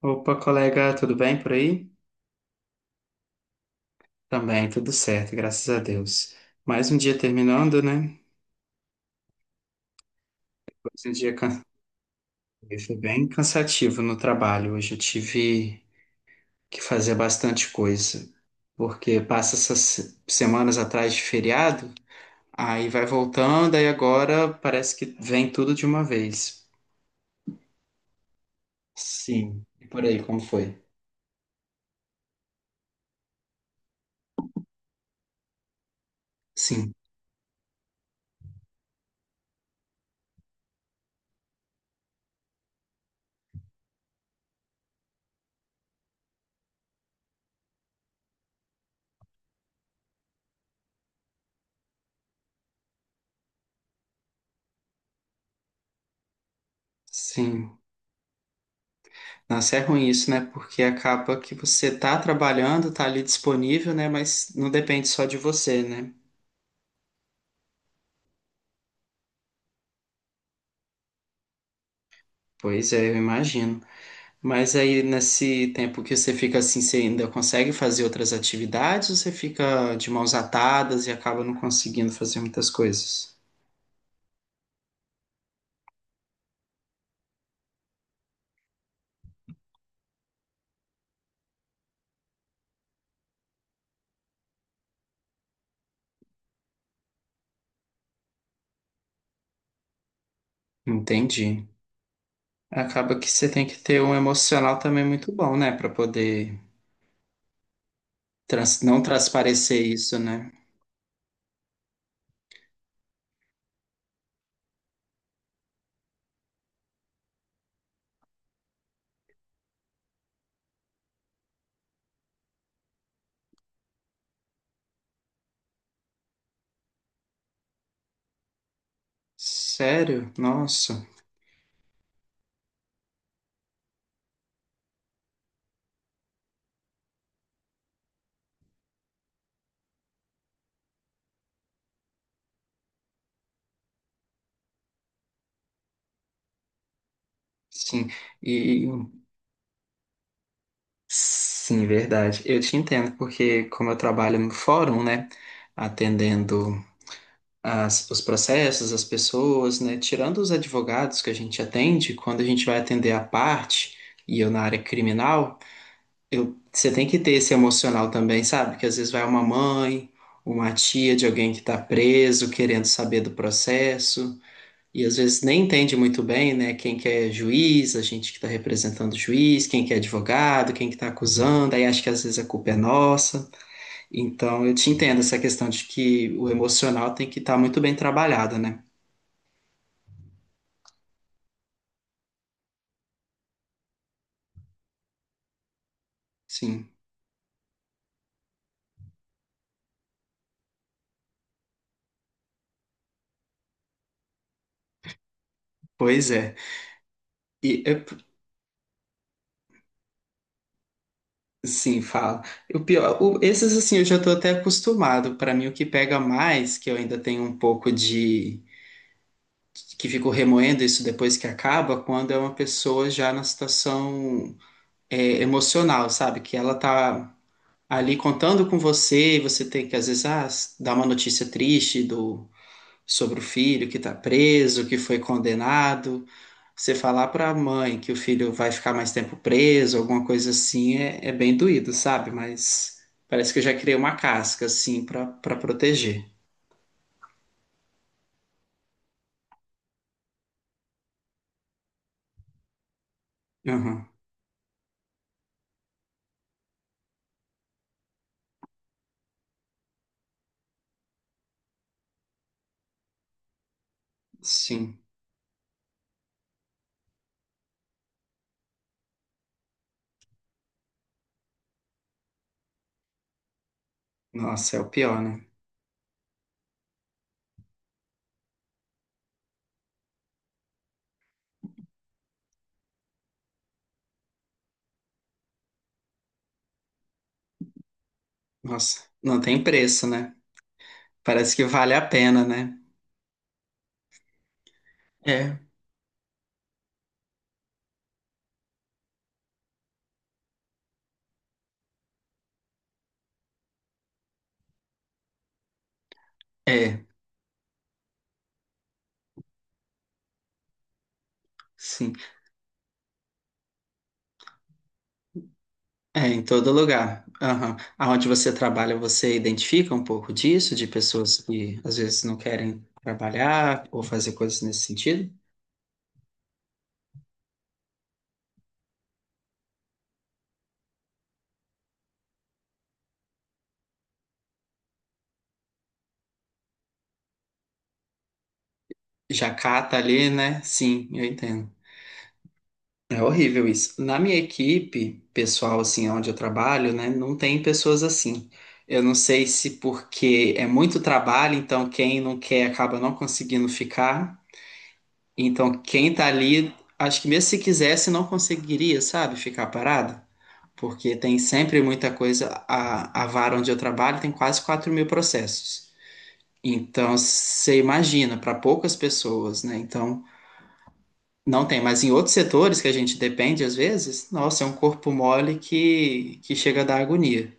Opa, colega, tudo bem por aí? Também, tudo certo, graças a Deus. Mais um dia terminando, né? Mais um dia can- Foi bem cansativo no trabalho. Hoje eu tive que fazer bastante coisa, porque passa essas semanas atrás de feriado, aí vai voltando, aí agora parece que vem tudo de uma vez. Sim. E por aí, como foi? Sim, sim. Nossa, é ruim isso, né? Porque acaba que você tá trabalhando, tá ali disponível, né? Mas não depende só de você, né? Pois é, eu imagino. Mas aí, nesse tempo que você fica assim, você ainda consegue fazer outras atividades ou você fica de mãos atadas e acaba não conseguindo fazer muitas coisas? Entendi. Acaba que você tem que ter um emocional também muito bom, né? Pra poder não transparecer isso, né? Sério? Nossa. Sim. E Sim, verdade. Eu te entendo, porque como eu trabalho no fórum, né, atendendo as, os processos, as pessoas, né, tirando os advogados que a gente atende, quando a gente vai atender a parte, e eu na área criminal, eu, você tem que ter esse emocional também, sabe? Que às vezes vai uma mãe, uma tia de alguém que está preso, querendo saber do processo. E às vezes nem entende muito bem, né, quem que é juiz, a gente que está representando o juiz, quem que é advogado, quem que está acusando, aí acha que às vezes a culpa é nossa. Então eu te entendo essa questão de que o emocional tem que estar muito bem trabalhado, né? Sim, pois é. E eu- sim, fala. O pior, esses assim eu já estou até acostumado. Para mim o que pega mais, que eu ainda tenho um pouco de que fico remoendo isso depois que acaba, quando é uma pessoa já na situação emocional, sabe? Que ela tá ali contando com você e você tem que, às vezes, dar uma notícia triste do, sobre o filho que tá preso, que foi condenado. Você falar pra mãe que o filho vai ficar mais tempo preso, alguma coisa assim, é bem doído, sabe? Mas parece que eu já criei uma casca, assim, pra proteger. Uhum, sim. Nossa, é o pior, né? Nossa, não tem preço, né? Parece que vale a pena, né? É, é, sim. É, em todo lugar. Aham. Aonde você trabalha, você identifica um pouco disso, de pessoas que às vezes não querem trabalhar ou fazer coisas nesse sentido? Já cata ali, né? Sim, eu entendo. É horrível isso. Na minha equipe, pessoal, assim, onde eu trabalho, né, não tem pessoas assim. Eu não sei se porque é muito trabalho, então quem não quer acaba não conseguindo ficar. Então, quem tá ali, acho que mesmo se quisesse, não conseguiria, sabe, ficar parado. Porque tem sempre muita coisa. A vara onde eu trabalho tem quase 4.000 processos. Então, você imagina, para poucas pessoas, né? Então, não tem. Mas em outros setores que a gente depende, às vezes, nossa, é um corpo mole que chega a dar agonia.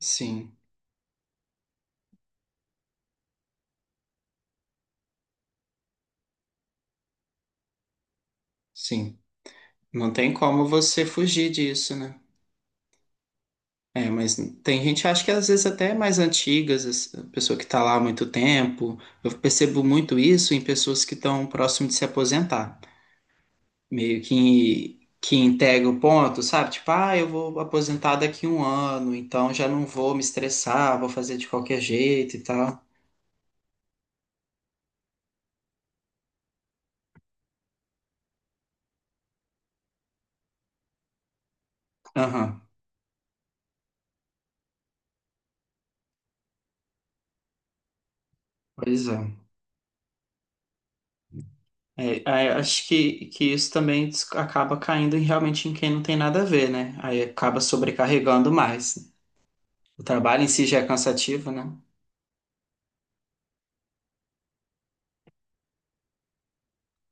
Sim, sim. Não tem como você fugir disso, né? É, mas tem gente, acho que às vezes até é mais antigas, a pessoa que está lá há muito tempo. Eu percebo muito isso em pessoas que estão próximo de se aposentar. Meio que integra o ponto, sabe? Tipo, ah, eu vou aposentar daqui um ano, então já não vou me estressar, vou fazer de qualquer jeito e tal. Aham, pois é. Acho que isso também acaba realmente em quem não tem nada a ver, né? Aí acaba sobrecarregando mais. O trabalho em si já é cansativo, né?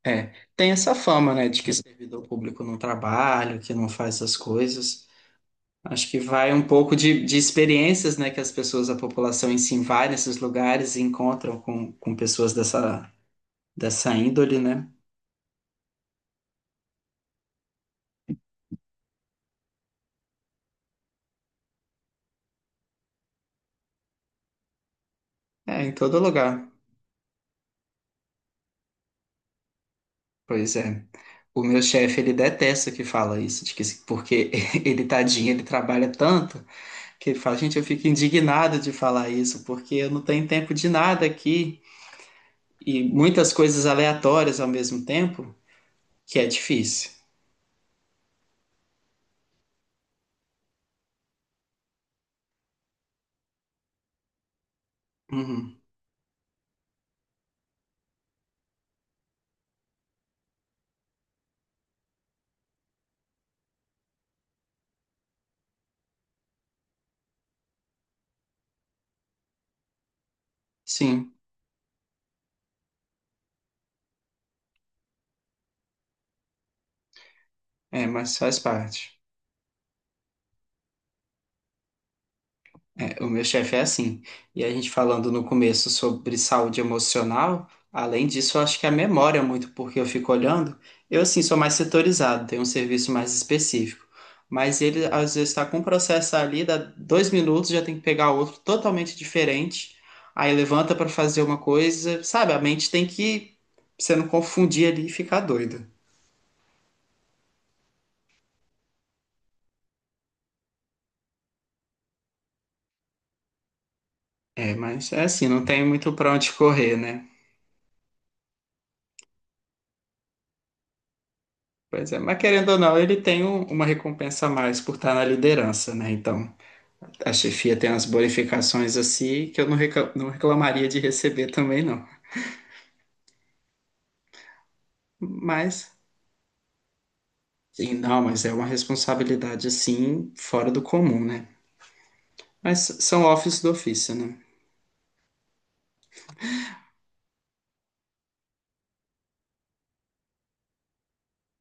É, tem essa fama, né, de que servidor público não trabalha, que não faz essas coisas. Acho que vai um pouco de experiências, né, que as pessoas, a população em si vai nesses lugares e encontram com pessoas dessa índole, né? É, em todo lugar. Pois é. O meu chefe, ele detesta que fala isso, de que, porque ele, tadinho, ele trabalha tanto, que ele fala, gente, eu fico indignado de falar isso, porque eu não tenho tempo de nada aqui, e muitas coisas aleatórias ao mesmo tempo. Que é difícil. Uhum. Sim, é, mas faz parte. É, o meu chefe é assim. E a gente falando no começo sobre saúde emocional, além disso, eu acho que a memória é muito, porque eu fico olhando. Eu, assim, sou mais setorizado, tenho um serviço mais específico. Mas ele, às vezes, está com um processo ali, dá 2 minutos, já tem que pegar outro totalmente diferente. Aí levanta para fazer uma coisa, sabe? A mente tem que, pra você não confundir ali e ficar doida. É, mas é assim, não tem muito pra onde correr, né? Pois é, mas querendo ou não, ele tem uma recompensa a mais por estar na liderança, né? Então, a chefia tem umas bonificações assim que eu não não reclamaria de receber também, não. Mas, sim, não, mas é uma responsabilidade assim, fora do comum, né? Mas são office do ofício, né?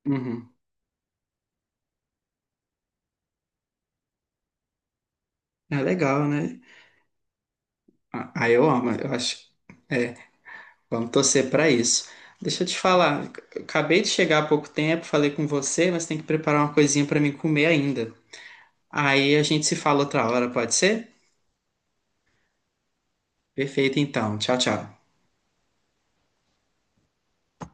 Uhum. É legal, né? Eu amo, eu acho. É, vamos torcer para isso. Deixa eu te falar, eu acabei de chegar há pouco tempo, falei com você, mas tem que preparar uma coisinha para mim comer ainda. Aí a gente se fala outra hora, pode ser? Perfeito, então. Tchau, tchau.